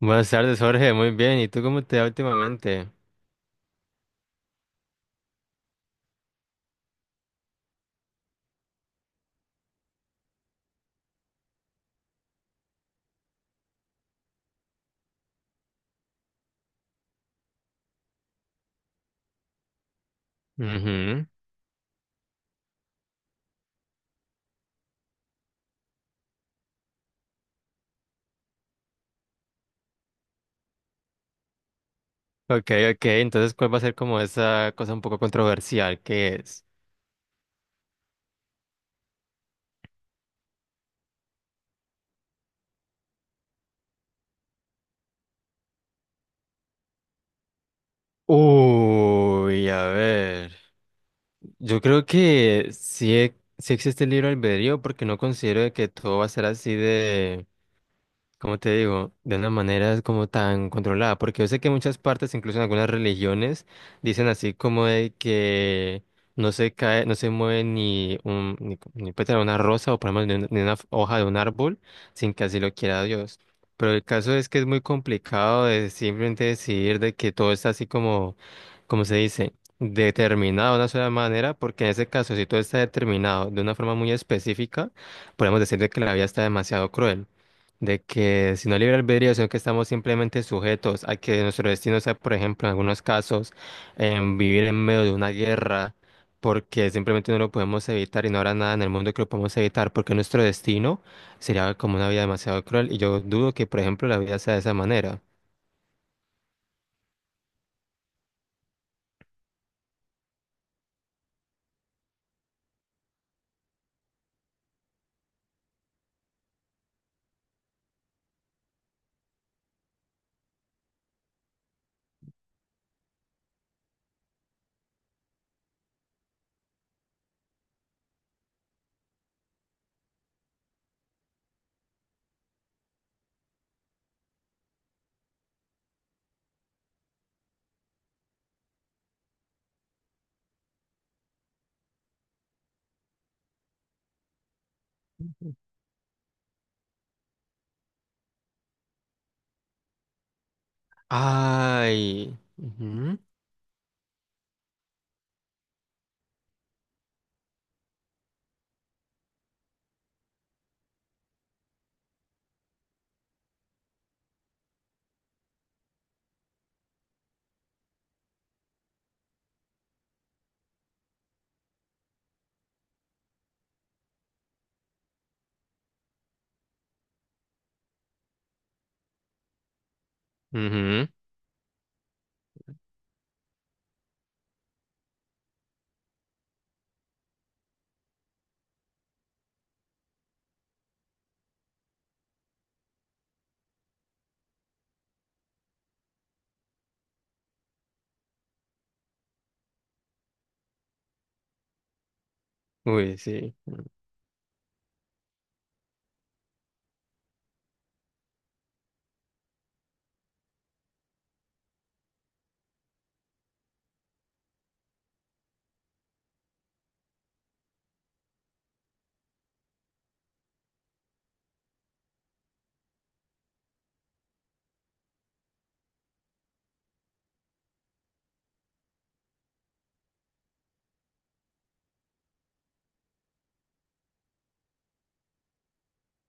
Buenas tardes, Jorge. Muy bien. ¿Y tú cómo te va últimamente? Ujú. Ok, ok. Entonces, ¿cuál va a ser como esa cosa un poco controversial que es? Uy, a ver. Yo creo que sí, sí existe el libre albedrío porque no considero de que todo va a ser así de, como te digo, de una manera es como tan controlada, porque yo sé que en muchas partes, incluso en algunas religiones, dicen así como de que no se cae, no se mueve ni un, ni, ni pétalo de una rosa o por lo menos ni una hoja de un árbol sin que así lo quiera Dios. Pero el caso es que es muy complicado de simplemente decidir de que todo está así como, como se dice, determinado de una sola manera, porque en ese caso, si todo está determinado de una forma muy específica, podemos decir de que la vida está demasiado cruel de que si no libre albedrío, sino que estamos simplemente sujetos a que nuestro destino sea, por ejemplo, en algunos casos, vivir en medio de una guerra, porque simplemente no lo podemos evitar y no habrá nada en el mundo que lo podamos evitar, porque nuestro destino sería como una vida demasiado cruel y yo dudo que, por ejemplo, la vida sea de esa manera. Ay. Ujú. Ujú. Uy, sí.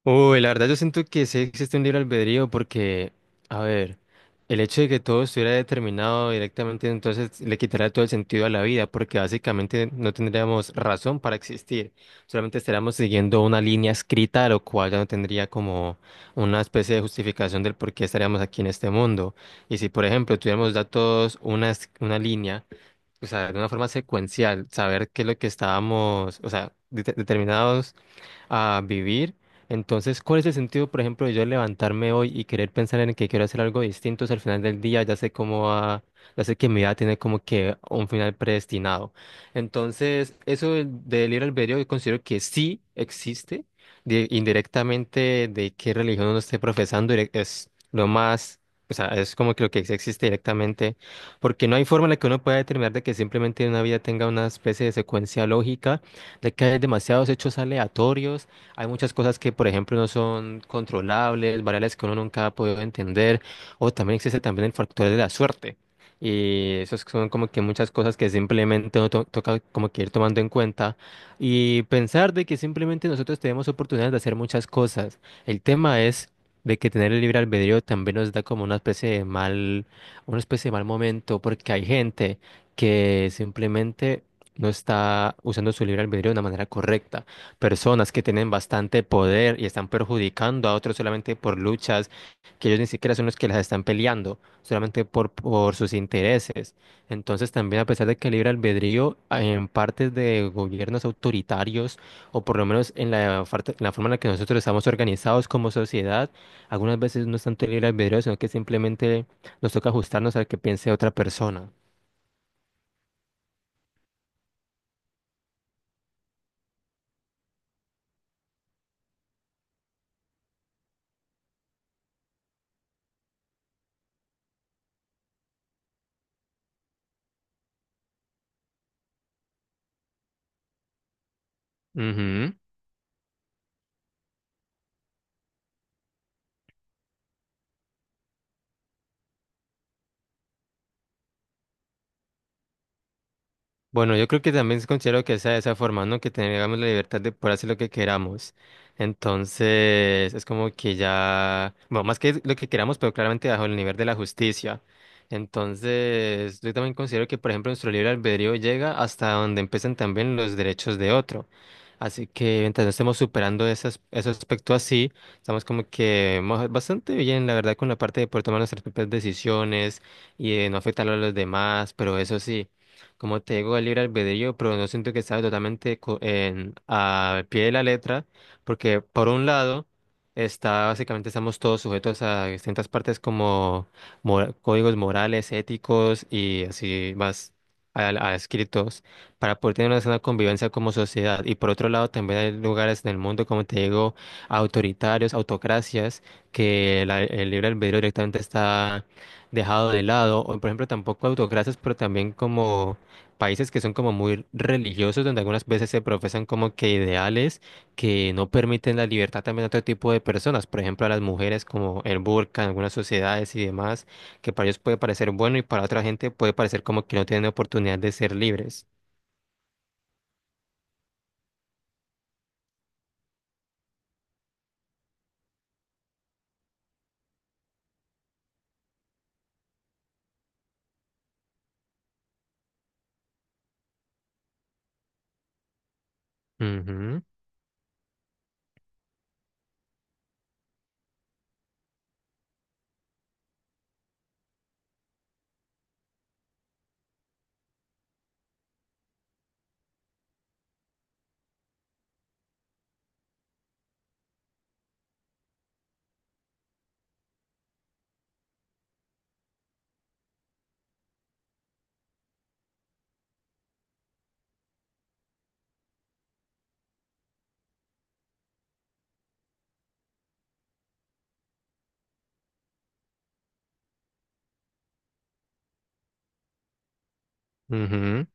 Uy, la verdad yo siento que sí existe un libre albedrío porque, a ver, el hecho de que todo estuviera determinado directamente entonces le quitaría todo el sentido a la vida porque básicamente no tendríamos razón para existir, solamente estaríamos siguiendo una línea escrita, lo cual ya no tendría como una especie de justificación del por qué estaríamos aquí en este mundo. Y si, por ejemplo, tuviéramos datos, una línea, o sea, de una forma secuencial, saber qué es lo que estábamos, o sea, determinados a vivir. Entonces, ¿cuál es el sentido, por ejemplo, de yo levantarme hoy y querer pensar en que quiero hacer algo distinto? Si al final del día ya sé cómo va, ya sé que mi vida tiene como que un final predestinado. Entonces, eso del libre albedrío yo considero que sí existe, indirectamente de qué religión uno esté profesando, es lo más, o sea, es como que lo que sí existe directamente, porque no hay forma en la que uno pueda determinar de que simplemente una vida tenga una especie de secuencia lógica de que hay demasiados hechos aleatorios, hay muchas cosas que, por ejemplo, no son controlables, variables que uno nunca ha podido entender, o también existe también el factor de la suerte. Y esas son como que muchas cosas que simplemente uno toca como que ir tomando en cuenta y pensar de que simplemente nosotros tenemos oportunidades de hacer muchas cosas. El tema es de que tener el libre albedrío también nos da como una especie de mal, una especie de mal momento, porque hay gente que simplemente no está usando su libre albedrío de una manera correcta. Personas que tienen bastante poder y están perjudicando a otros solamente por luchas que ellos ni siquiera son los que las están peleando, solamente por sus intereses. Entonces también a pesar de que el libre albedrío ah, en partes de gobiernos autoritarios, o por lo menos en la forma en la que nosotros estamos organizados como sociedad, algunas veces no es tanto el libre albedrío, sino que simplemente nos toca ajustarnos al que piense otra persona. Ujú. Bueno, yo creo que también considero que sea de esa forma, ¿no? Que tengamos la libertad de poder hacer lo que queramos. Entonces, es como que ya, bueno, más que lo que queramos, pero claramente bajo el nivel de la justicia. Entonces, yo también considero que, por ejemplo, nuestro libre albedrío llega hasta donde empiezan también los derechos de otro. Así que mientras no estemos superando ese aspecto así, estamos como que bastante bien, la verdad, con la parte de poder tomar nuestras propias decisiones y de no afectar a los demás, pero eso sí, como te digo, el libre albedrío, pero no siento que estaba totalmente al pie de la letra, porque por un lado, está, básicamente estamos todos sujetos a distintas partes como códigos morales, éticos y así más a escritos, para poder tener una sana convivencia como sociedad. Y por otro lado, también hay lugares en el mundo, como te digo, autoritarios, autocracias, que el libre albedrío directamente está dejado de lado, o por ejemplo tampoco autocracias, pero también como países que son como muy religiosos, donde algunas veces se profesan como que ideales que no permiten la libertad también a otro tipo de personas, por ejemplo a las mujeres como el burka en algunas sociedades y demás, que para ellos puede parecer bueno y para otra gente puede parecer como que no tienen oportunidad de ser libres. Ujú, ujú.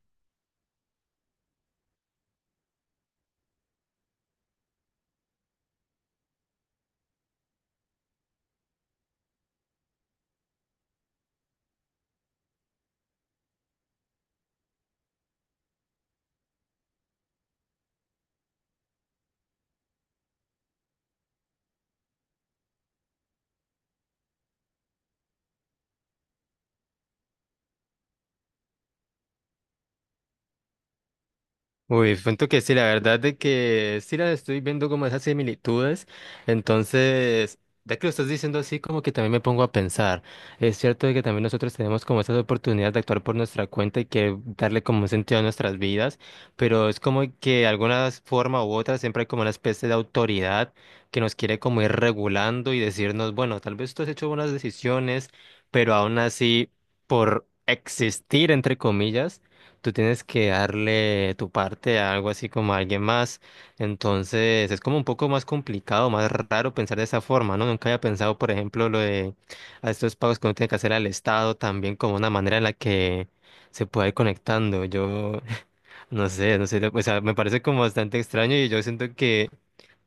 Uy, cuento que sí, la verdad de que sí la estoy viendo como esas similitudes, entonces, ya que lo estás diciendo así, como que también me pongo a pensar, es cierto de que también nosotros tenemos como esas oportunidades de actuar por nuestra cuenta y que darle como un sentido a nuestras vidas, pero es como que de alguna forma u otra siempre hay como una especie de autoridad que nos quiere como ir regulando y decirnos, bueno, tal vez tú has hecho buenas decisiones, pero aún así, por existir, entre comillas, tú tienes que darle tu parte a algo así como a alguien más. Entonces es como un poco más complicado, más raro pensar de esa forma, ¿no? Nunca había pensado, por ejemplo, lo de a estos pagos que uno tiene que hacer al Estado también como una manera en la que se pueda ir conectando. Yo no sé, no sé, o sea, me parece como bastante extraño y yo siento que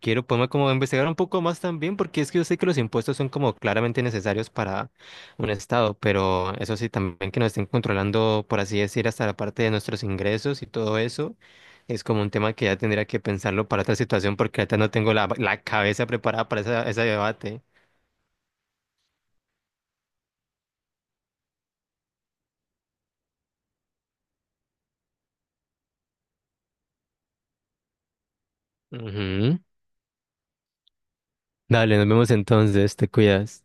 quiero ponerme como a investigar un poco más también, porque es que yo sé que los impuestos son como claramente necesarios para un estado, pero eso sí, también que nos estén controlando, por así decir, hasta la parte de nuestros ingresos y todo eso, es como un tema que ya tendría que pensarlo para otra situación, porque ahorita no tengo la cabeza preparada para ese debate. Ujú. Dale, nos vemos entonces, te cuidas.